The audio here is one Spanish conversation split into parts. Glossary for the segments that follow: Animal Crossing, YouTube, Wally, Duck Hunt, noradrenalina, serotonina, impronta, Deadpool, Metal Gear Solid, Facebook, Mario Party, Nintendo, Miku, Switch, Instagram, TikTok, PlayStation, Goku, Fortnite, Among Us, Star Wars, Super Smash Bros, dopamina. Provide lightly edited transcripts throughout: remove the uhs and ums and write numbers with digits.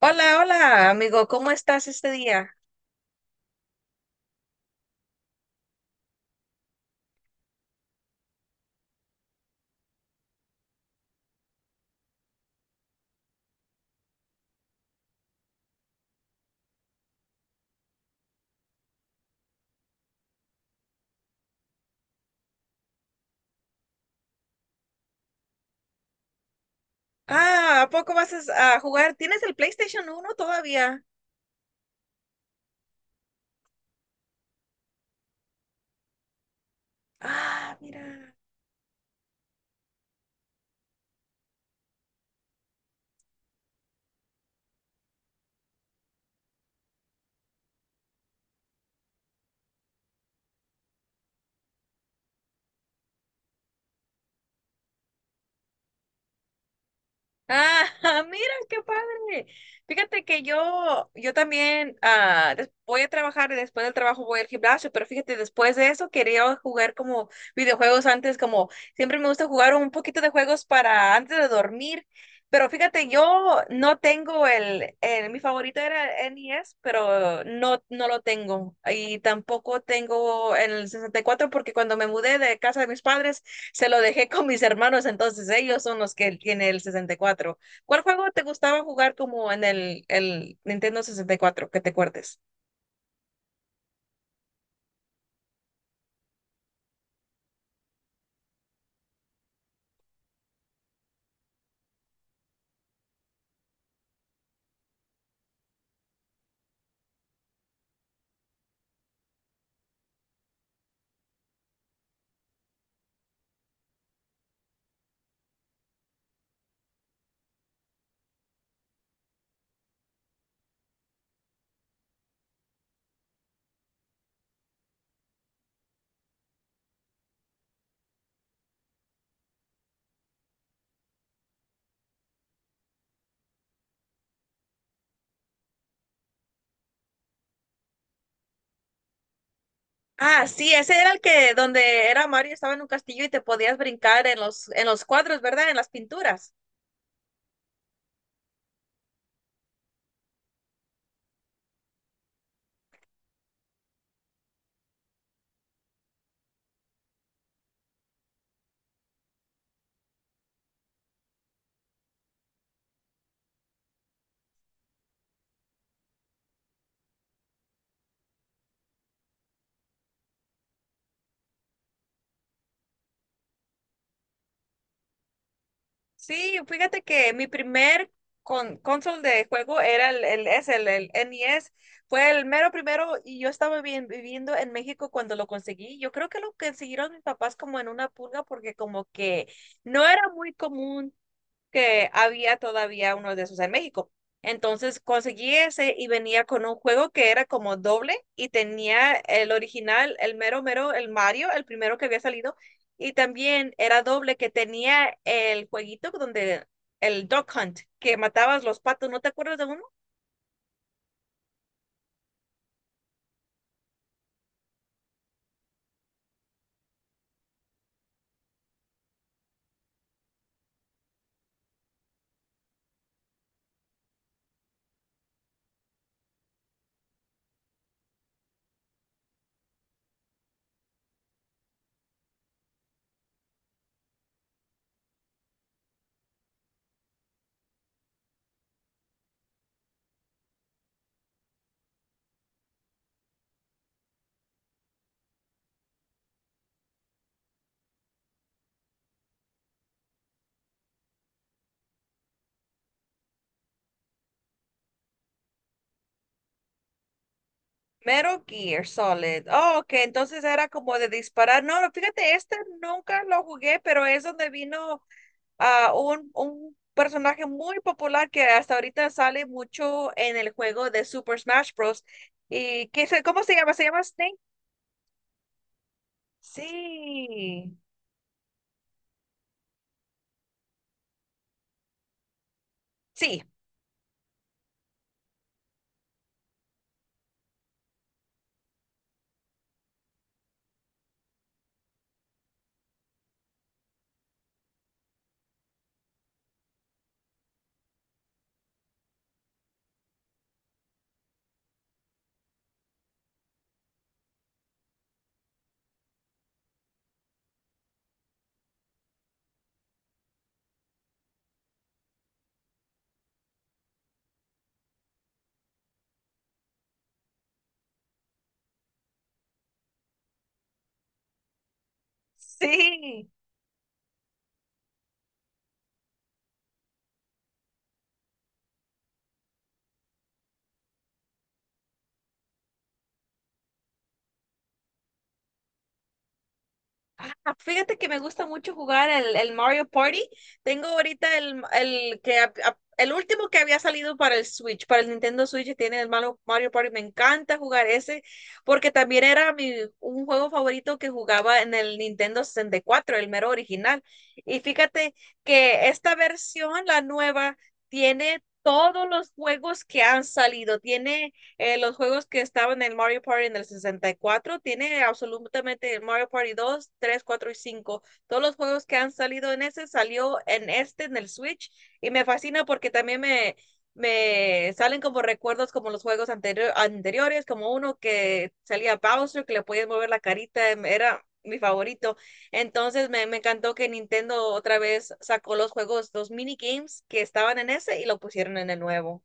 Hola, hola, amigo, ¿cómo estás este día? Ah, ¿a poco vas a jugar? ¿Tienes el PlayStation uno todavía? Ah, mira. Ah, mira, qué padre. Fíjate que yo también voy a trabajar y después del trabajo voy al gimnasio, pero fíjate, después de eso quería jugar como videojuegos antes, como siempre me gusta jugar un poquito de juegos para antes de dormir, pero fíjate, yo no tengo mi favorito era el N E S, pero no, no lo tengo y tampoco tengo el 64 porque cuando me mudé de casa de mis padres, se lo dejé con mis hermanos, entonces ellos son los que tiene el sesenta y cuatro. ¿Cuál juego te gustaba jugar como en el Nintendo sesenta y cuatro que te acuerdes? Ah, sí, ese era el que donde era Mario, estaba en un castillo y te podías brincar en los cuadros, ¿verdad? En las pinturas. Sí, fíjate que mi primer console de juego era el NES. Fue el mero primero y yo estaba bien, viviendo en México cuando lo conseguí. Yo creo que lo consiguieron mis papás como en una pulga porque como que no era muy común que había todavía uno de esos en México. Entonces conseguí ese y venía con un juego que era como doble y tenía el original, el mero mero, el Mario, el primero que había salido, y también era doble que tenía el jueguito donde el Duck Hunt, que matabas los patos, ¿no te acuerdas de uno? Mero Gear Solid. Oh, que entonces era como de disparar. No, fíjate, este nunca lo jugué, pero es donde vino un personaje muy popular que hasta ahorita sale mucho en el juego de Super Smash Bros. ¿Y qué cómo se llama? ¿Se llama Snake? Sí, sí, sí. Ah, fíjate que me gusta mucho jugar el Mario Party. Tengo ahorita el último que había salido para el Switch, para el Nintendo Switch, que tiene Mario Party. Me encanta jugar ese, porque también era un juego favorito que jugaba en el Nintendo sesenta y cuatro el mero original. Y fíjate que esta versión, la nueva, tiene todos los juegos que han salido. Tiene los juegos que estaban en el Mario Party en el sesenta y cuatro, tiene absolutamente el Mario Party dos, tres, 4 y cinco. Todos los juegos que han salido en ese salió en este, en el Switch, y me fascina porque también me salen como recuerdos como los juegos anteriores, como uno que salía Bowser, que le podías mover la carita, era mi favorito. Entonces me encantó que Nintendo otra vez sacó los juegos, los minigames que estaban en ese y lo pusieron en el nuevo.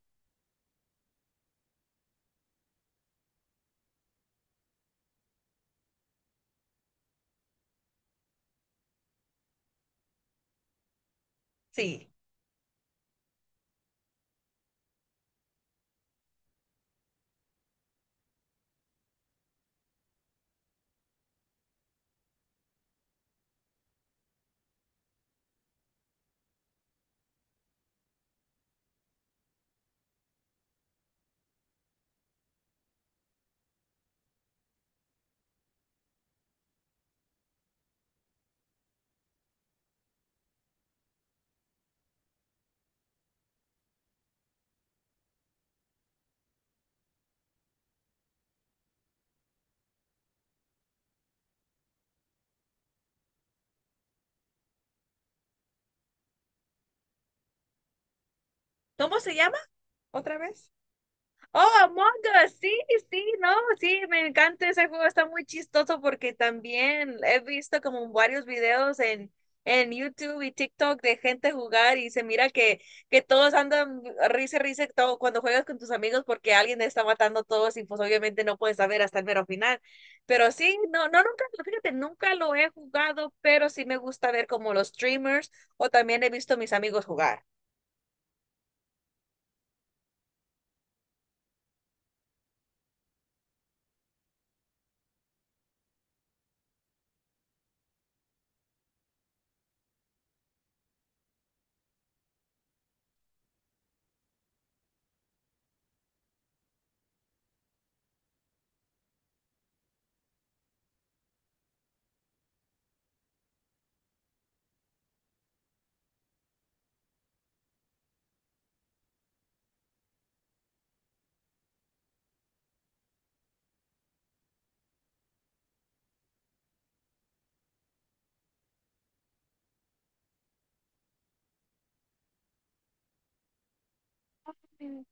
Sí. ¿Cómo se llama? ¿Otra vez? Oh, Among Us, sí, sí, no, sí, me encanta ese juego, está muy chistoso porque también he visto como varios videos en YouTube y TikTok de gente jugar y se mira que todos andan risa, risa todo, cuando juegas con tus amigos porque alguien está matando a todos y pues obviamente no puedes saber hasta el mero final. Pero sí, no, no, nunca, fíjate, nunca lo he jugado, pero sí me gusta ver como los streamers o también he visto a mis amigos jugar. Mm.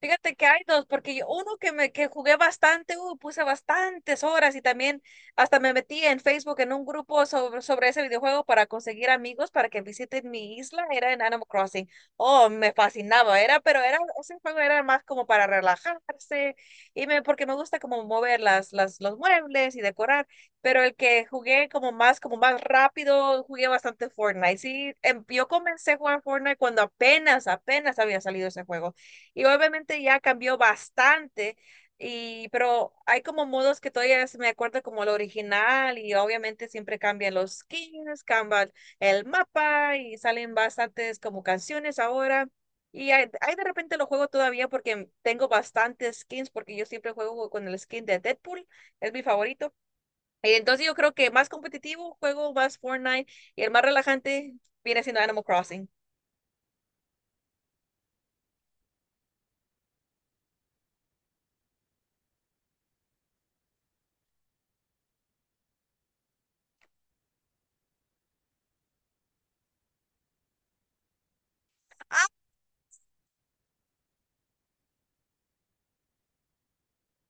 Fíjate que hay dos, porque uno que jugué bastante, puse bastantes horas y también hasta me metí en Facebook en un grupo sobre ese videojuego para conseguir amigos para que visiten mi isla, era en Animal Crossing. Oh, me fascinaba, ese juego era más como para relajarse y porque me gusta como mover los muebles y decorar, pero el que jugué como más rápido, jugué bastante Fortnite. Sí, yo comencé a jugar Fortnite cuando apenas, apenas había salido ese juego y obviamente ya cambió bastante, y, pero hay como modos que todavía se me acuerdo como el original y obviamente siempre cambian los skins, cambian el mapa y salen bastantes como canciones ahora. Y hay de repente lo juego todavía porque tengo bastantes skins porque yo siempre juego con el skin de Deadpool, es mi favorito. Y entonces yo creo que más competitivo juego más Fortnite y el más relajante viene siendo Animal Crossing.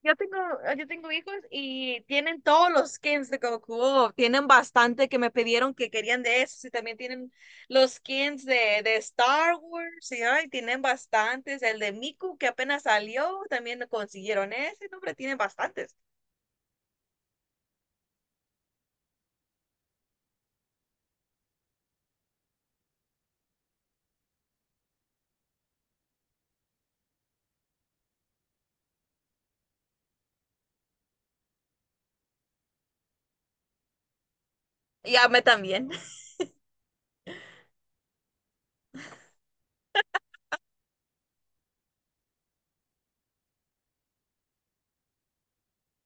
Yo tengo, yo tengo hijos y tienen todos los skins de Goku. Tienen bastante que me pidieron que querían de esos. Y también tienen los skins de Star Wars. Y ay, tienen bastantes. El de Miku que apenas salió, también lo consiguieron ese. No, hombre, tienen bastantes. Y a mí también.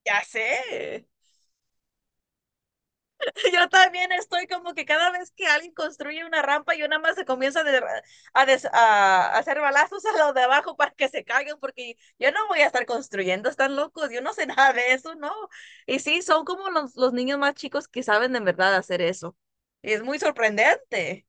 Ya sé. Yo también estoy como que cada vez que alguien construye una rampa, yo nada más se comienza a hacer balazos a los de abajo para que se caigan, porque yo no voy a estar construyendo, están locos, yo no sé nada de eso, ¿no? Y sí, son como los niños más chicos que saben de verdad hacer eso. Y es muy sorprendente.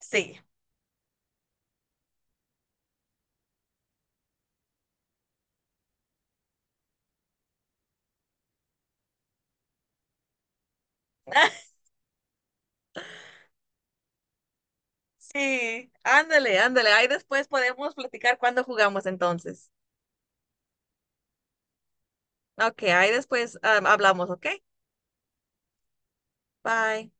Sí, sí, ándale, ándale, ahí después podemos platicar cuando jugamos entonces. Ok, ahí después hablamos, ¿ok? Bye.